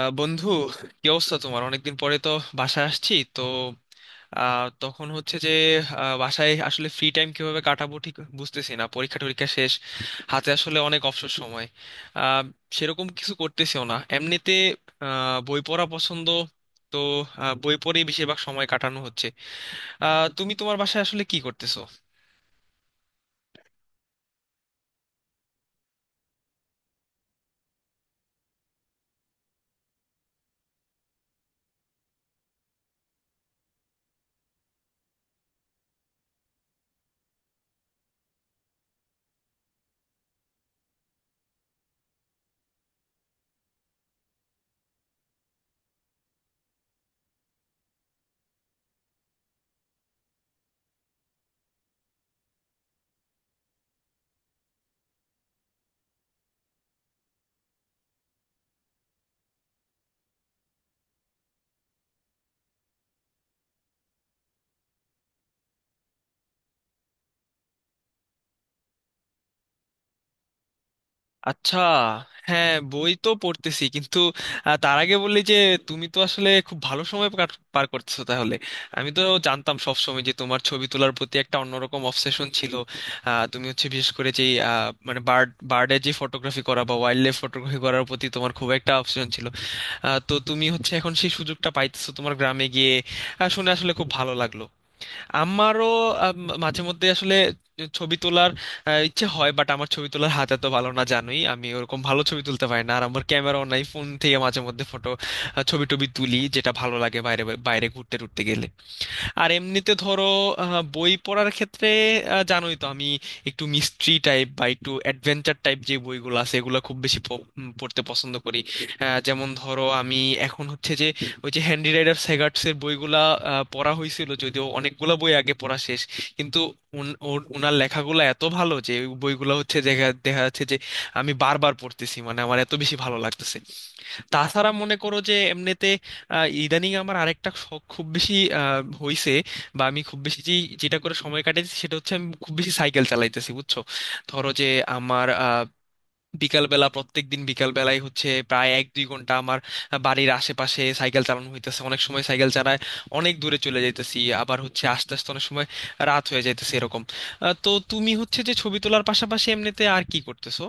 বন্ধু, কি অবস্থা তোমার? অনেকদিন পরে তো বাসায় আসছি তো। তখন হচ্ছে যে বাসায় আসলে ফ্রি টাইম কিভাবে কাটাবো ঠিক বুঝতেছি না। পরীক্ষা টরীক্ষা শেষ, হাতে আসলে অনেক অবসর সময়। আহ, সেরকম কিছু করতেছিও না এমনিতে। বই পড়া পছন্দ, তো বই পড়েই বেশিরভাগ সময় কাটানো হচ্ছে। তুমি তোমার বাসায় আসলে কি করতেছো? আচ্ছা। হ্যাঁ, বই তো পড়তেছি, কিন্তু তার আগে বললি যে তুমি তো আসলে খুব ভালো সময় পার করতেছো তাহলে। আমি তো জানতাম সব সময় যে তোমার ছবি তোলার প্রতি একটা অন্যরকম অবসেশন ছিল। তুমি হচ্ছে বিশেষ করে যে মানে বার্ডের যে ফটোগ্রাফি করা বা ওয়াইল্ড লাইফ ফটোগ্রাফি করার প্রতি তোমার খুব একটা অবসেশন ছিল। তো তুমি হচ্ছে এখন সেই সুযোগটা পাইতেছো তোমার গ্রামে গিয়ে। শুনে আসলে খুব ভালো লাগলো। আমারও আম, মাঝে মধ্যে আসলে ছবি তোলার ইচ্ছে হয়, বাট আমার ছবি তোলার হাত এত ভালো না, জানোই আমি ওরকম ভালো ছবি তুলতে পারি না, আর আমার ক্যামেরাও নাই। ফোন থেকে মাঝে মধ্যে ফটো ছবি টবি তুলি, যেটা ভালো লাগে বাইরে, বাইরে ঘুরতে টুরতে গেলে। আর এমনিতে ধরো বই পড়ার ক্ষেত্রে জানোই তো আমি একটু মিস্ট্রি টাইপ বা একটু অ্যাডভেঞ্চার টাইপ যে বইগুলো আছে এগুলো খুব বেশি পড়তে পছন্দ করি। যেমন ধরো আমি এখন হচ্ছে যে ওই যে হ্যান্ডি রাইডার সেগার্টসের বইগুলা পড়া হয়েছিল, যদিও অনেকগুলা বই আগে পড়া শেষ, কিন্তু ওনার লেখাগুলো এত ভালো যে ওই বইগুলো হচ্ছে দেখা দেখা যাচ্ছে যে আমি বারবার পড়তেছি, মানে আমার এত বেশি ভালো লাগতেছে। তাছাড়া মনে করো যে এমনিতে ইদানিং আমার আরেকটা শখ খুব বেশি হইছে, বা আমি খুব বেশি যেটা করে সময় কাটাচ্ছি সেটা হচ্ছে আমি খুব বেশি সাইকেল চালাইতেছি, বুঝছো। ধরো যে আমার বিকালবেলা প্রত্যেক দিন বিকালবেলায় হচ্ছে প্রায় 1-2 ঘন্টা আমার বাড়ির আশেপাশে সাইকেল চালানো হইতেছে। অনেক সময় সাইকেল চালায় অনেক দূরে চলে যাইতেছি, আবার হচ্ছে আস্তে আস্তে অনেক সময় রাত হয়ে যাইতেছে এরকম। তো তুমি হচ্ছে যে ছবি তোলার পাশাপাশি এমনিতে আর কি করতেছো?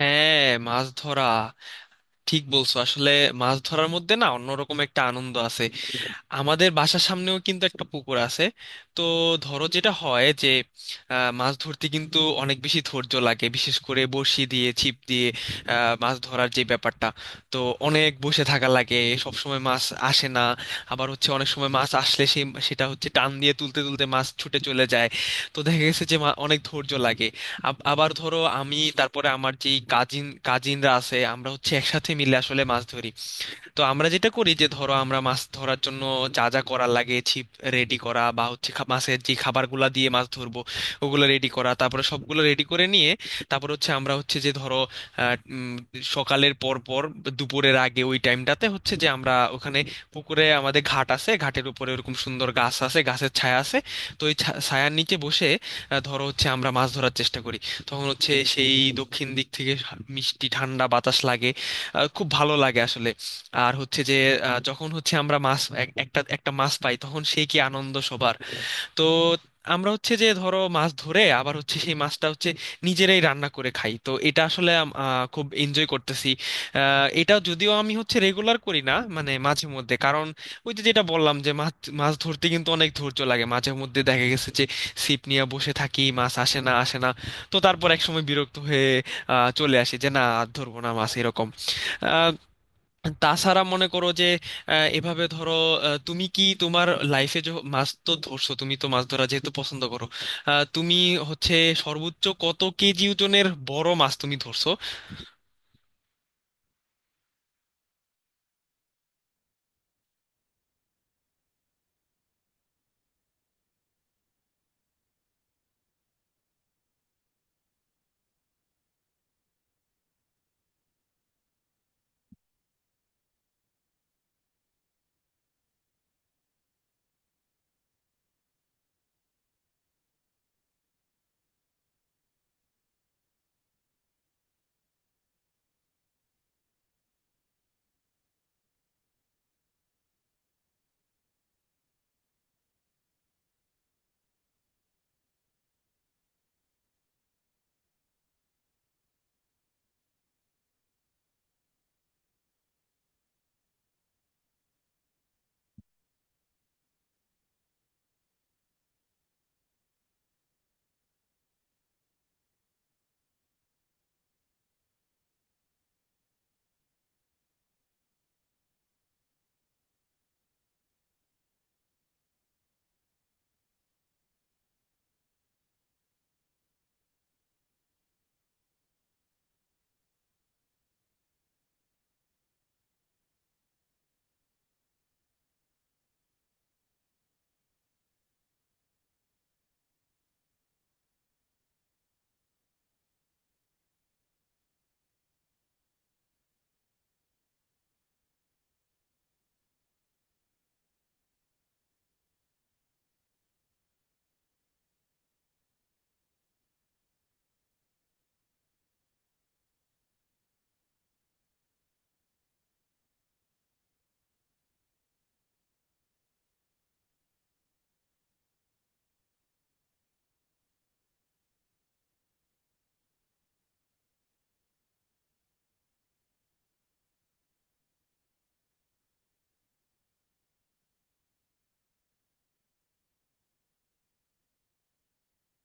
হ্যাঁ, মাছ ধরা ঠিক বলছো আসলে। মাছ ধরার মধ্যে না অন্যরকম একটা আনন্দ আছে। আমাদের বাসার সামনেও কিন্তু একটা পুকুর আছে। তো ধরো যেটা হয় যে মাছ ধরতে কিন্তু অনেক বেশি ধৈর্য লাগে, বিশেষ করে বড়শি দিয়ে ছিপ দিয়ে মাছ ধরার যে ব্যাপারটা। তো অনেক বসে থাকা লাগে, সব সময় মাছ আসে না। আবার হচ্ছে অনেক সময় মাছ আসলে সেটা হচ্ছে টান দিয়ে তুলতে তুলতে মাছ ছুটে চলে যায়। তো দেখা গেছে যে অনেক ধৈর্য লাগে। আবার ধরো আমি, তারপরে আমার যেই কাজিনরা আছে আমরা হচ্ছে একসাথে মিলে আসলে মাছ ধরি। তো আমরা যেটা করি যে ধরো আমরা মাছ ধরার জন্য যা যা করার লাগে ছিপ রেডি করা বা হচ্ছে মাছের যে খাবারগুলা দিয়ে মাছ ধরবো ওগুলো রেডি করা, তারপরে সবগুলো রেডি করে নিয়ে তারপর হচ্ছে আমরা হচ্ছে যে ধরো আহ, উম, সকালের পর পর দুপুরের আগে ওই টাইমটাতে হচ্ছে যে আমরা ওখানে পুকুরে আমাদের ঘাট আছে, ঘাটের উপরে ওরকম সুন্দর গাছ আছে, গাছের ছায়া আছে। তো ওই ছায়ার নিচে বসে ধরো হচ্ছে আমরা মাছ ধরার চেষ্টা করি। তখন হচ্ছে সেই দক্ষিণ দিক থেকে মিষ্টি ঠান্ডা বাতাস লাগে, খুব ভালো লাগে আসলে। আর হচ্ছে যে যখন হচ্ছে আমরা মাছ এক- একটা একটা মাছ পাই তখন সেই কি আনন্দ সবার। তো আমরা হচ্ছে যে ধরো মাছ ধরে আবার হচ্ছে সেই মাছটা হচ্ছে নিজেরাই রান্না করে খাই, তো এটা আসলে খুব এনজয় করতেছি। এটা যদিও আমি হচ্ছে রেগুলার করি না, মানে মাঝে মধ্যে, কারণ ওই যে যেটা বললাম যে মাছ মাছ ধরতে কিন্তু অনেক ধৈর্য লাগে। মাঝে মধ্যে দেখা গেছে যে ছিপ নিয়ে বসে থাকি, মাছ আসে না আসে না। তো তারপর এক সময় বিরক্ত হয়ে চলে আসি যে না আর ধরবো না মাছ এরকম। তাছাড়া মনে করো যে এভাবে ধরো তুমি কি তোমার লাইফে যে মাছ তো ধরছো, তুমি তো মাছ ধরা যেহেতু পছন্দ করো, তুমি হচ্ছে সর্বোচ্চ কত কেজি ওজনের বড় মাছ তুমি ধরছো?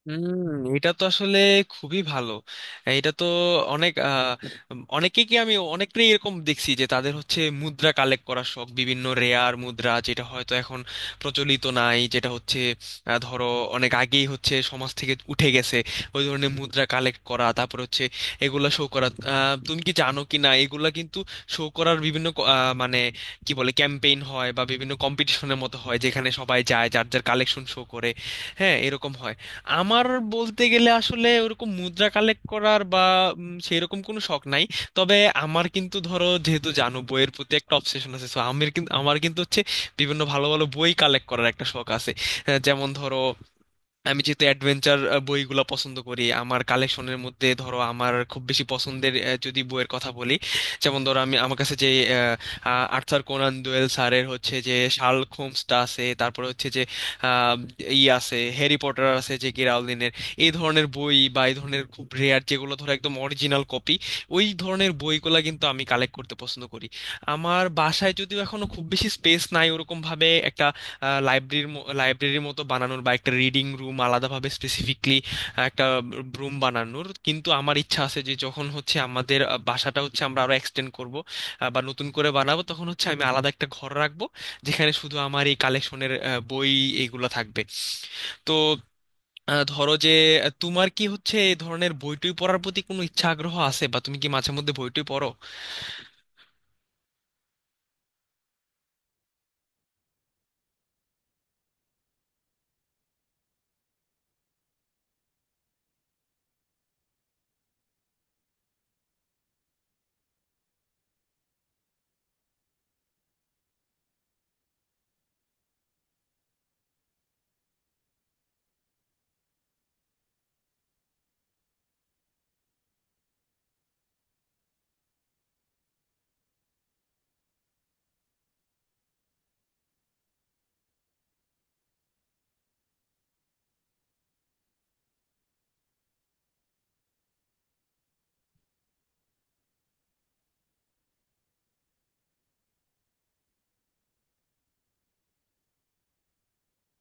হুম। এটা তো আসলে খুবই ভালো। এটা তো অনেক আহ, অনেকেই কি আমি অনেকেই এরকম দেখছি যে তাদের হচ্ছে মুদ্রা কালেক্ট করার শখ, বিভিন্ন রেয়ার মুদ্রা যেটা হয়তো এখন প্রচলিত নাই, যেটা হচ্ছে ধরো অনেক আগেই হচ্ছে সমাজ থেকে উঠে গেছে, ওই ধরনের মুদ্রা কালেক্ট করা, তারপর হচ্ছে এগুলা শো করা। তুমি কি জানো কি না এগুলা কিন্তু শো করার বিভিন্ন মানে কি বলে ক্যাম্পেইন হয় বা বিভিন্ন কম্পিটিশনের মতো হয় যেখানে সবাই যায় যার যার কালেকশন শো করে। হ্যাঁ, এরকম হয়। আমার বলতে গেলে আসলে ওরকম মুদ্রা কালেক্ট করার বা সেই রকম কোনো শখ নাই। তবে আমার কিন্তু ধরো যেহেতু জানো বইয়ের প্রতি একটা অবসেশন আছে সো আমার কিন্তু হচ্ছে বিভিন্ন ভালো ভালো বই কালেক্ট করার একটা শখ আছে। যেমন ধরো আমি যেহেতু অ্যাডভেঞ্চার বইগুলো পছন্দ করি আমার কালেকশনের মধ্যে ধরো আমার খুব বেশি পছন্দের যদি বইয়ের কথা বলি, যেমন ধরো আমি, আমার কাছে যে আহ, আহ, আর্থার কোনান ডয়েল স্যারের হচ্ছে যে শার্লক হোমসটা আছে, তারপরে হচ্ছে যে আহ, ই আছে, হ্যারি পটার আছে যে কে রাউলিনের। এই ধরনের বই বা এই ধরনের খুব রেয়ার যেগুলো ধরো একদম অরিজিনাল কপি, ওই ধরনের বইগুলো কিন্তু আমি কালেক্ট করতে পছন্দ করি। আমার বাসায় যদিও এখনো খুব বেশি স্পেস নাই ওরকম ভাবে একটা লাইব্রেরির লাইব্রেরির মতো বানানোর বা একটা রিডিং রুম আলাদাভাবে স্পেসিফিকলি একটা রুম বানানোর কিন্তু আমার ইচ্ছা আছে। যে যখন হচ্ছে আমাদের বাসাটা হচ্ছে আমরা আরো এক্সটেন্ড করব বা নতুন করে বানাবো তখন হচ্ছে আমি আলাদা একটা ঘর রাখবো যেখানে শুধু আমার এই কালেকশনের বই এইগুলো থাকবে। তো ধরো যে তোমার কি হচ্ছে এই ধরনের বইটই পড়ার প্রতি কোনো ইচ্ছা আগ্রহ আছে, বা তুমি কি মাঝে মধ্যে বইটই পড়ো?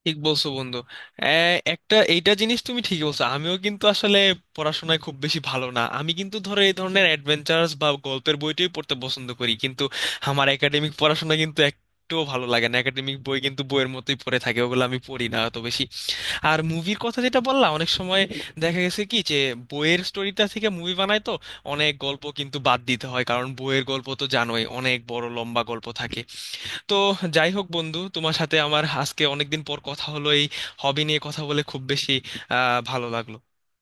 ঠিক বলছো বন্ধু। একটা এইটা জিনিস তুমি ঠিকই বলছো, আমিও কিন্তু আসলে পড়াশোনায় খুব বেশি ভালো না। আমি কিন্তু ধরো এই ধরনের অ্যাডভেঞ্চারস বা গল্পের বইটাই পড়তে পছন্দ করি, কিন্তু আমার একাডেমিক পড়াশোনা কিন্তু একটুও ভালো লাগে না। একাডেমিক বই কিন্তু বইয়ের মতোই পড়ে থাকে, ওগুলো আমি পড়ি না অত বেশি। আর মুভির কথা যেটা বললাম অনেক সময় দেখা গেছে কি যে বইয়ের স্টোরিটা থেকে মুভি বানায়, তো অনেক গল্প কিন্তু বাদ দিতে হয় কারণ বইয়ের গল্প তো জানোই অনেক বড় লম্বা গল্প থাকে। তো যাই হোক বন্ধু, তোমার সাথে আমার আজকে অনেকদিন পর কথা হলো। এই হবি নিয়ে কথা বলে খুব বেশি ভালো লাগলো।